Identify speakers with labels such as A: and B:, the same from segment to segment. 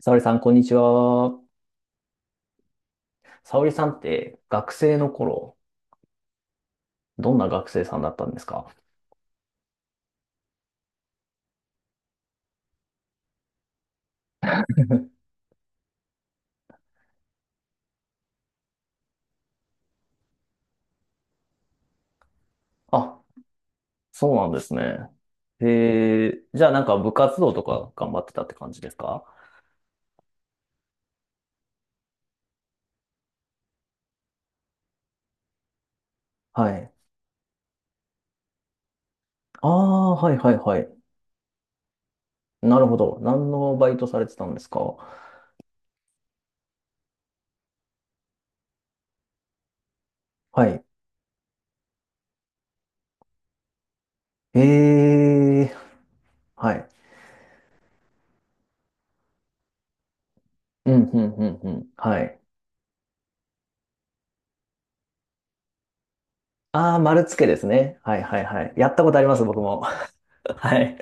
A: 沙織さん、こんにちは。沙織さんって学生の頃、どんな学生さんだったんですか？あ、そうなんですね。で、じゃあなんか部活動とか頑張ってたって感じですか？はい。ああ、はいはいはい。なるほど。何のバイトされてたんですか？はい。ええ、はい。うん、うん、うん、うん。はい。ああ、丸つけですね。はいはいはい。やったことあります、僕も。はい。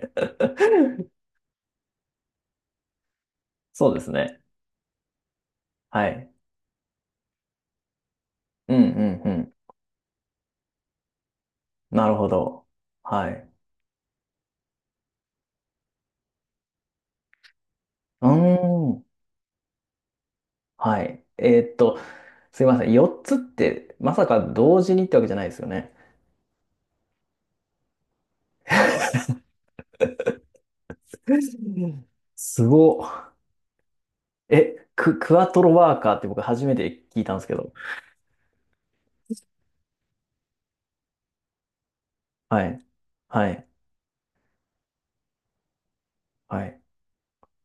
A: そうですね。はい。うん、うん、なるほど。はい。うーん。はい。すいません。4つって、まさか同時にってわけじゃないですよね。うん、すごっ。え、ク、クワトロワーカーって僕初めて聞いたんですけど。はい。はい。はい。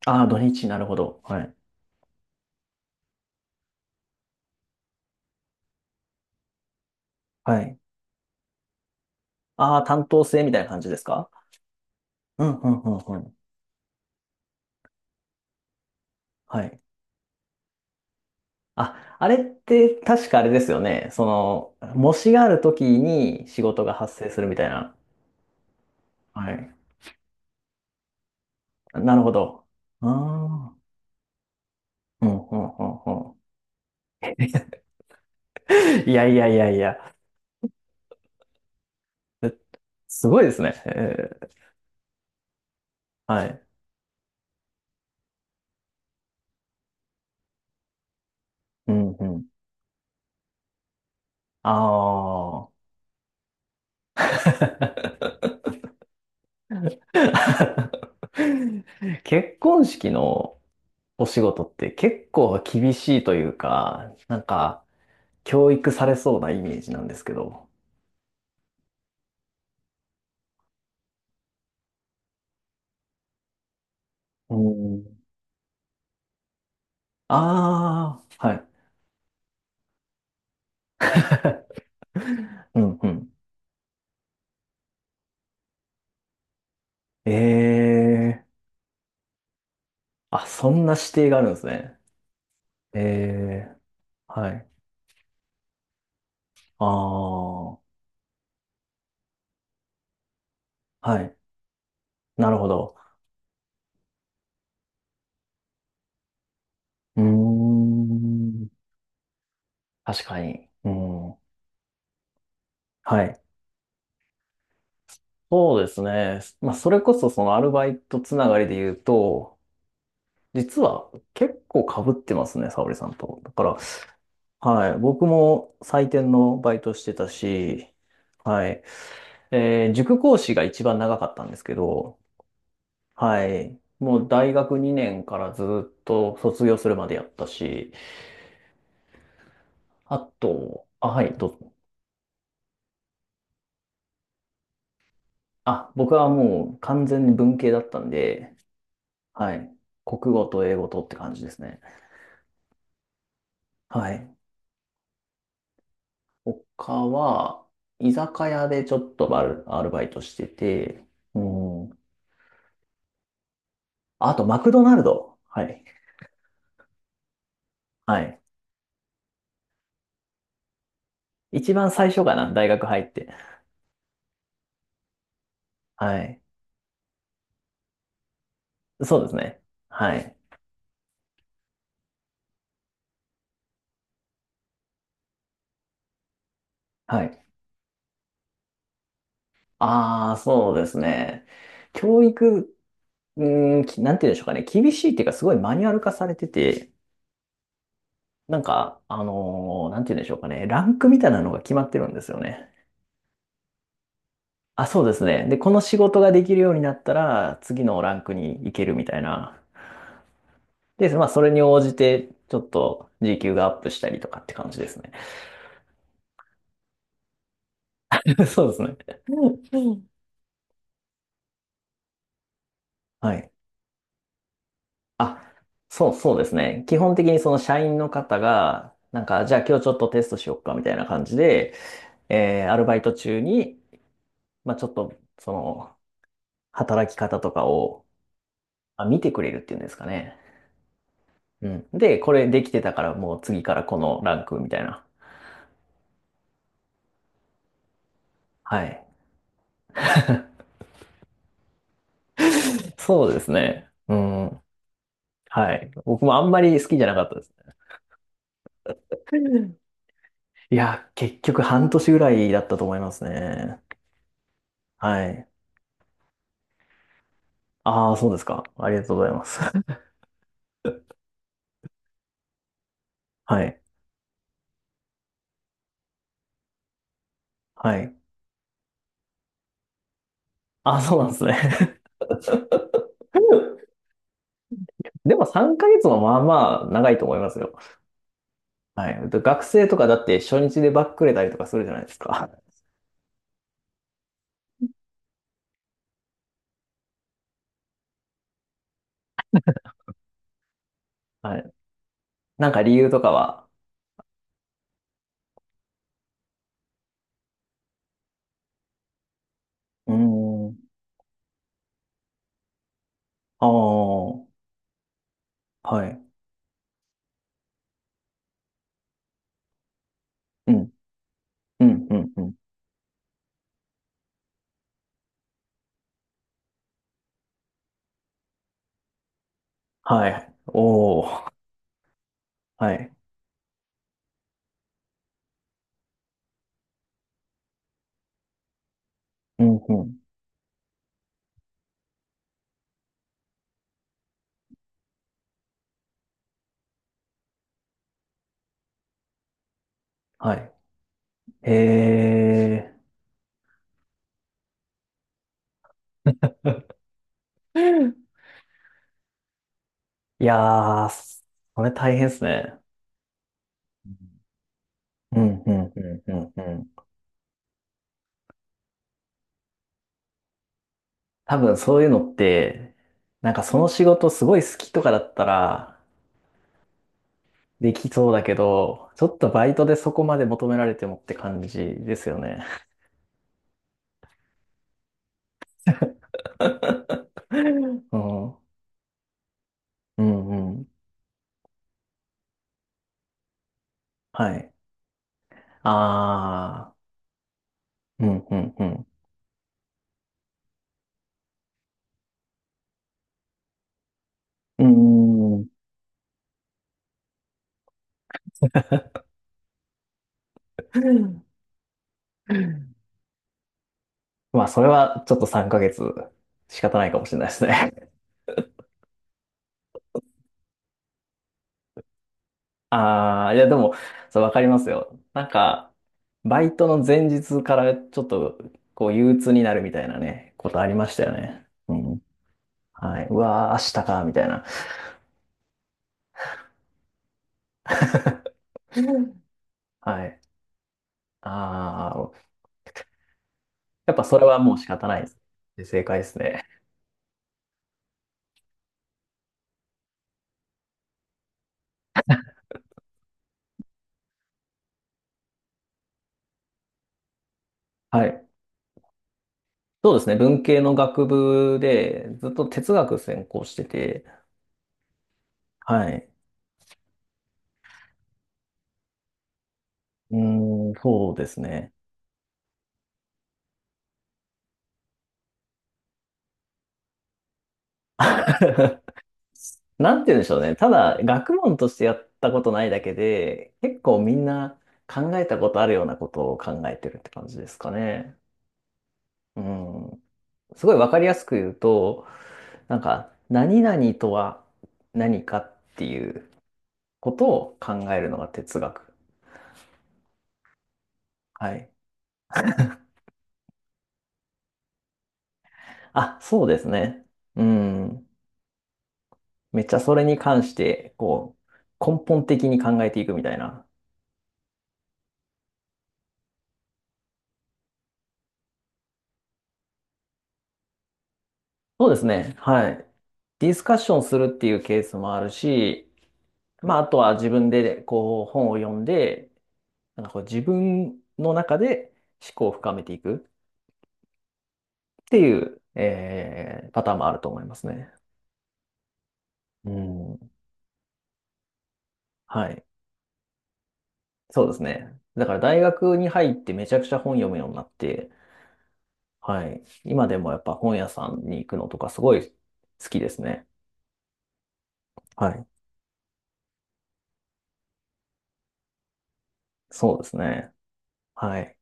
A: ああ、土日、なるほど。はい。はい。ああ、担当制みたいな感じですか？うんうんうんうん。はい。あ、あれって確かあれですよね。その、模試がある時に仕事が発生するみたいな。はい。なるほど。ああ、うん、うん、うん、うん。いやいやいやいや。え、すごいですね。えー、はい。うん、うん。ああ。結婚式のお仕事って結構厳しいというか、なんか、教育されそうなイメージなんですけど。うん、ああ、はい。うんうん。ええ、あ、そんな指定があるんですね。ええ、はい。ああ、はい。なるほど。うーん。確かに。うん。はい。そうですね。まあ、それこそそのアルバイトつながりで言うと、実は結構被ってますね、沙織さんと。だから、はい。僕も採点のバイトしてたし、はい。塾講師が一番長かったんですけど、はい。もう大学2年からずっと卒業するまでやったし、あと、あ、はい、あ、僕はもう完全に文系だったんで、はい。国語と英語とって感じですね。はい。他は、居酒屋でちょっとアルバイトしてて、うん。あと、マクドナルド。はい。はい。一番最初かな、大学入って。はい。そうですね。はい。はい。ああ、そうですね。教育、うん、なんて言うんでしょうかね。厳しいっていうか、すごいマニュアル化されてて、なんか、なんて言うんでしょうかね。ランクみたいなのが決まってるんですよね。あ、そうですね。で、この仕事ができるようになったら、次のランクに行けるみたいな。で、まあ、それに応じて、ちょっと時給がアップしたりとかって感じですね。そうですね。うん、はい。あ、そうですね。基本的にその社員の方が、なんか、じゃあ今日ちょっとテストしよっかみたいな感じで、アルバイト中に、まあ、ちょっと、その、働き方とかを、あ、見てくれるっていうんですかね。うん。で、これできてたからもう次からこのランクみたいな。はい。そうですね。うん。はい。僕もあんまり好きじゃなかったですね。うん、いや、結局半年ぐらいだったと思いますね。はい。ああ、そうですか。ありがとうございます。はい。はい。ああ、そうなんですね。でも3ヶ月もまあまあ長いと思いますよ。はい。で学生とかだって初日でバックれたりとかするじゃないですか。はい。なんか理由とかは。うーん。ああ、はい。うん、うん、うん、うん。はい。おー。はい。うん、うん。はい。へえ。いやー、それ大変ですね。うん、うん、うん、うん、うん。多分そういうのって、なんかその仕事すごい好きとかだったらできそうだけど、ちょっとバイトでそこまで求められてもって感じですよね。うん、うん、うん。はい。ああ、うん、うん、うん。うん。まあ、それはちょっと3ヶ月仕方ないかもしれないですね。ああ、いや、でも、そう、わかりますよ。なんか、バイトの前日からちょっと、こう、憂鬱になるみたいなね、ことありましたよね。うん。はい。うわー、明日か、みたいな。うん、はい。ああ、やっぱそれはもう仕方ないです。で正解ですね。はい。そうですね。文系の学部で、ずっと哲学専攻してて、はい。うーん、そうですね。なんて言うんでしょうね。ただ、学問としてやったことないだけで、結構みんな考えたことあるようなことを考えてるって感じですかね。うん。すごいわかりやすく言うと、なんか、何々とは何かっていうことを考えるのが哲学。はい。あ、そうですね。うん。めっちゃそれに関して、こう、根本的に考えていくみたいな。そうですね。はい。ディスカッションするっていうケースもあるし、まあ、あとは自分でこう本を読んで、なんかこう自分の中で思考を深めていくっていう、パターンもあると思いますね。うん。はい。そうですね。だから大学に入ってめちゃくちゃ本読むようになって、はい。今でもやっぱ本屋さんに行くのとかすごい好きですね。はい。そうですね。はい。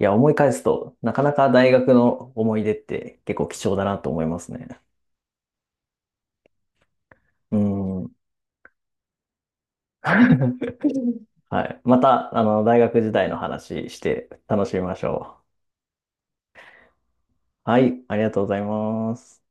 A: いや、思い返すと、なかなか大学の思い出って結構貴重だなと思いますね。うん。はい。また、あの、大学時代の話して楽しみましょう。はい。ありがとうございます。